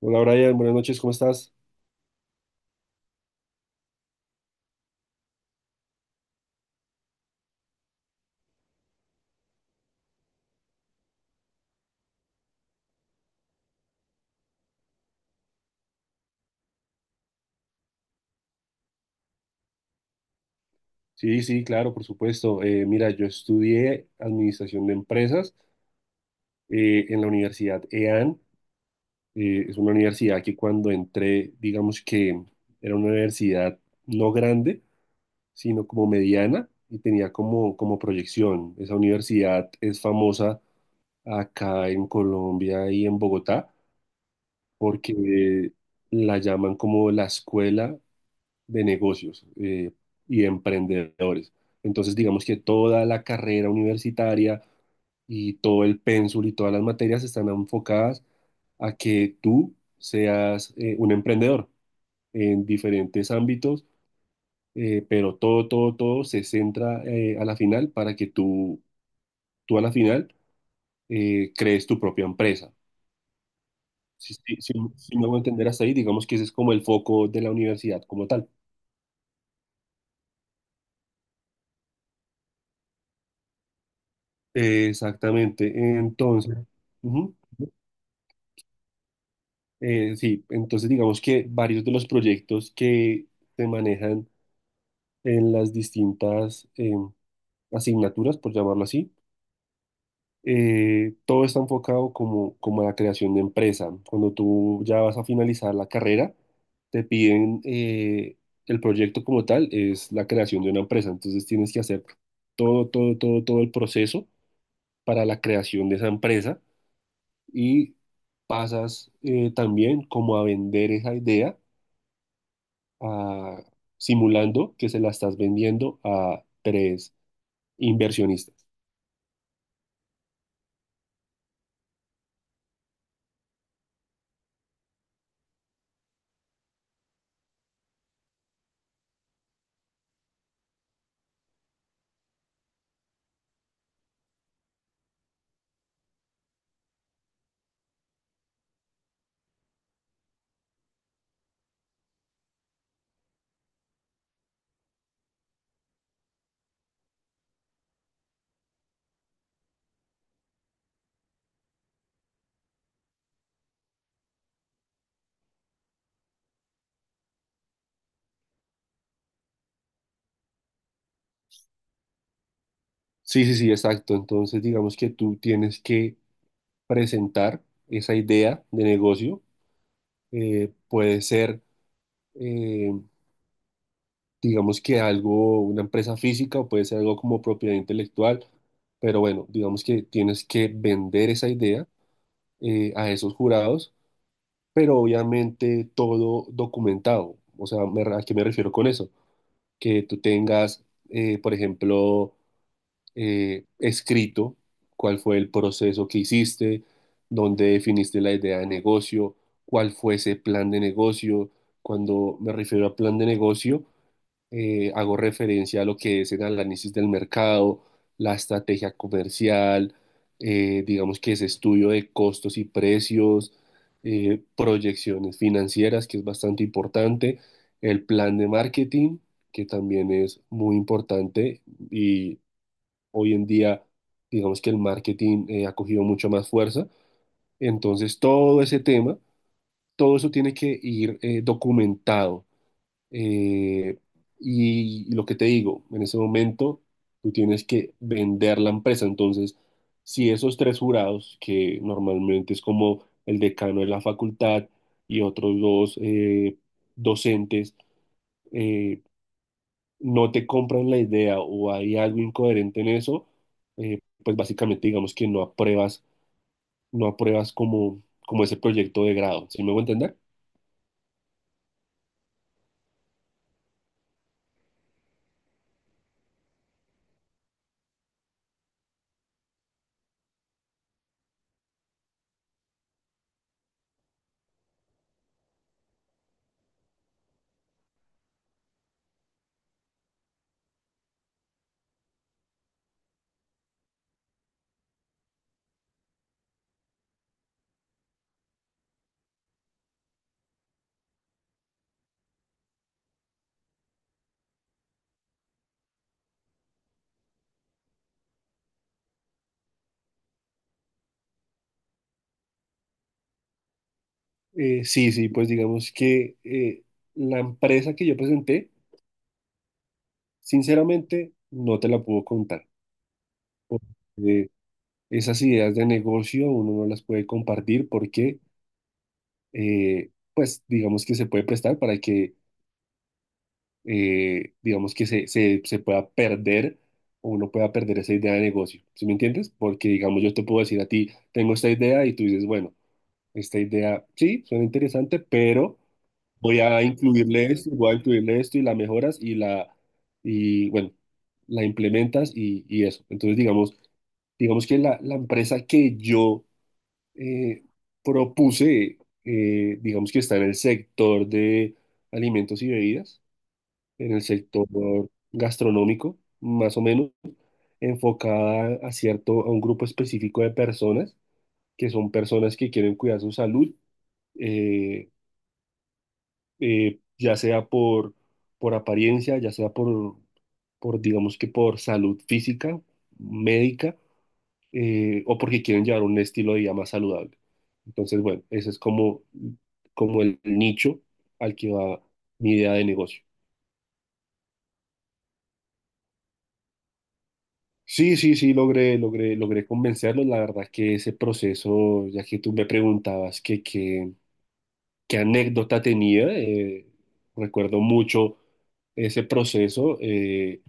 Hola Brian, buenas noches, ¿cómo estás? Sí, sí, claro, por supuesto. Mira, yo estudié Administración de Empresas en la Universidad EAN. Es una universidad que cuando entré, digamos que era una universidad no grande, sino como mediana y tenía como, como proyección. Esa universidad es famosa acá en Colombia y en Bogotá porque la llaman como la escuela de negocios y emprendedores. Entonces, digamos que toda la carrera universitaria y todo el pénsul y todas las materias están enfocadas a que tú seas un emprendedor en diferentes ámbitos, pero todo, todo, todo se centra a la final para que tú, a la final crees tu propia empresa. Si me hago entender hasta ahí, digamos que ese es como el foco de la universidad como tal. Exactamente. Entonces, ujú. Sí, entonces digamos que varios de los proyectos que se manejan en las distintas asignaturas, por llamarlo así, todo está enfocado como, como a la creación de empresa. Cuando tú ya vas a finalizar la carrera, te piden el proyecto como tal, es la creación de una empresa. Entonces tienes que hacer todo, todo, todo, todo el proceso para la creación de esa empresa y pasas también como a vender esa idea a- simulando que se la estás vendiendo a tres inversionistas. Sí, sí, sí, exacto. Entonces, digamos que tú tienes que presentar esa idea de negocio. Puede ser, eh, digamos que algo, una empresa física o puede ser algo como propiedad intelectual. Pero bueno, digamos que tienes que vender esa idea a esos jurados, pero obviamente todo documentado. O sea, ¿a qué me refiero con eso? Que tú tengas, por ejemplo, escrito cuál fue el proceso que hiciste, dónde definiste la idea de negocio, cuál fue ese plan de negocio. Cuando me refiero a plan de negocio, hago referencia a lo que es el análisis del mercado, la estrategia comercial, digamos que es estudio de costos y precios, proyecciones financieras, que es bastante importante, el plan de marketing, que también es muy importante y hoy en día, digamos que el marketing ha cogido mucho más fuerza. Entonces, todo ese tema, todo eso tiene que ir documentado. Eh, y lo que te digo, en ese momento tú tienes que vender la empresa. Entonces, si esos tres jurados, que normalmente es como el decano de la facultad y otros dos docentes, eh, no te compran la idea o hay algo incoherente en eso, pues básicamente digamos que no apruebas, no apruebas como, como ese proyecto de grado. ¿Sí me voy a entender? Sí, sí, pues digamos que la empresa que yo presenté, sinceramente, no te la puedo contar. Porque esas ideas de negocio uno no las puede compartir porque, pues, digamos que se puede prestar para que, digamos que se pueda perder o uno pueda perder esa idea de negocio. ¿Sí me entiendes? Porque, digamos, yo te puedo decir a ti, tengo esta idea y tú dices, bueno, esta idea sí, suena interesante, pero voy a incluirle esto, voy a incluirle esto y la mejoras y y bueno, la implementas y eso. Entonces, digamos, digamos que la empresa que yo eh, propuse, digamos que está en el sector de alimentos y bebidas, en el sector gastronómico, más o menos, enfocada a cierto, a un grupo específico de personas, que son personas que quieren cuidar su salud, eh, ya sea por apariencia, ya sea por, digamos que por salud física, médica, o porque quieren llevar un estilo de vida más saludable. Entonces, bueno, ese es como, como el nicho al que va mi idea de negocio. Sí, sí, sí, logré, logré, logré convencerlos. La verdad que ese proceso, ya que tú me preguntabas que, qué anécdota tenía, recuerdo mucho ese proceso.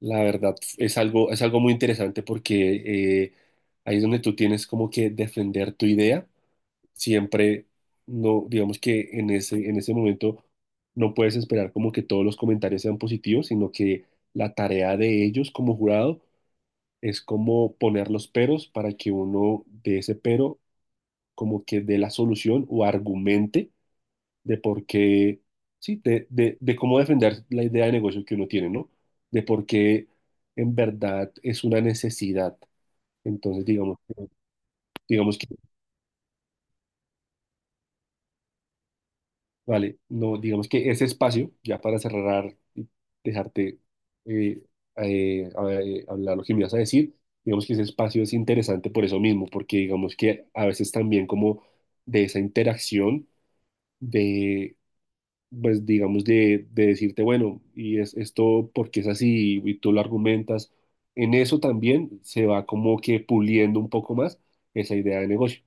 La verdad, es algo muy interesante porque ahí es donde tú tienes como que defender tu idea. Siempre, no, digamos que en ese momento no puedes esperar como que todos los comentarios sean positivos, sino que la tarea de ellos como jurado es como poner los peros para que uno de ese pero como que dé la solución o argumente de por qué, sí, de cómo defender la idea de negocio que uno tiene, ¿no? De por qué en verdad es una necesidad. Entonces, digamos, digamos que, vale, no, digamos que ese espacio, ya para cerrar y dejarte eh, hablar lo que me ibas a decir, digamos que ese espacio es interesante por eso mismo, porque digamos que a veces también como de esa interacción de pues digamos, de decirte, bueno, y es esto porque es así y tú lo argumentas, en eso también se va como que puliendo un poco más esa idea de negocio.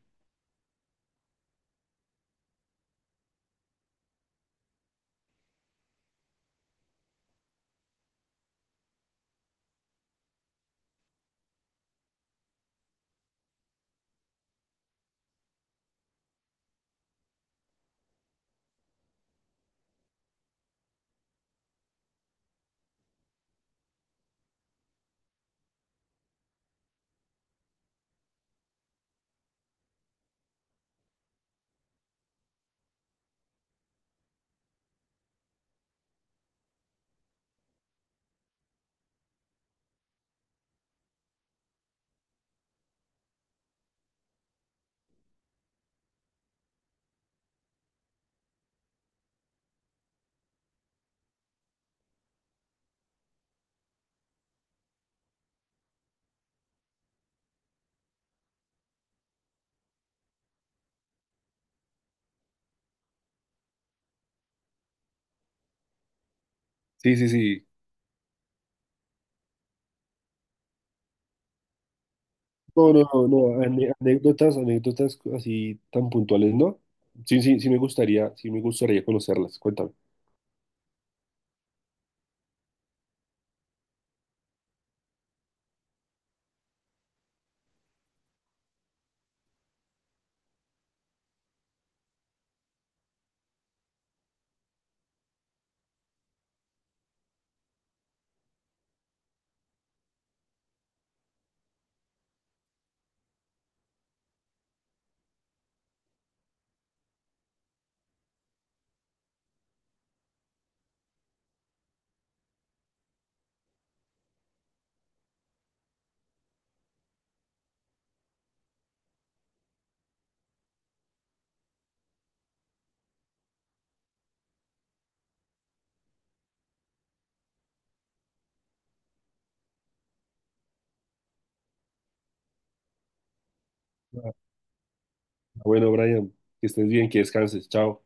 Sí, sí, sí. No, no, no, no, anécdotas, anécdotas así tan puntuales, ¿no? Sí, sí, sí me gustaría conocerlas, cuéntame. Ah, bueno, Brian, que estés bien, que descanses, chao.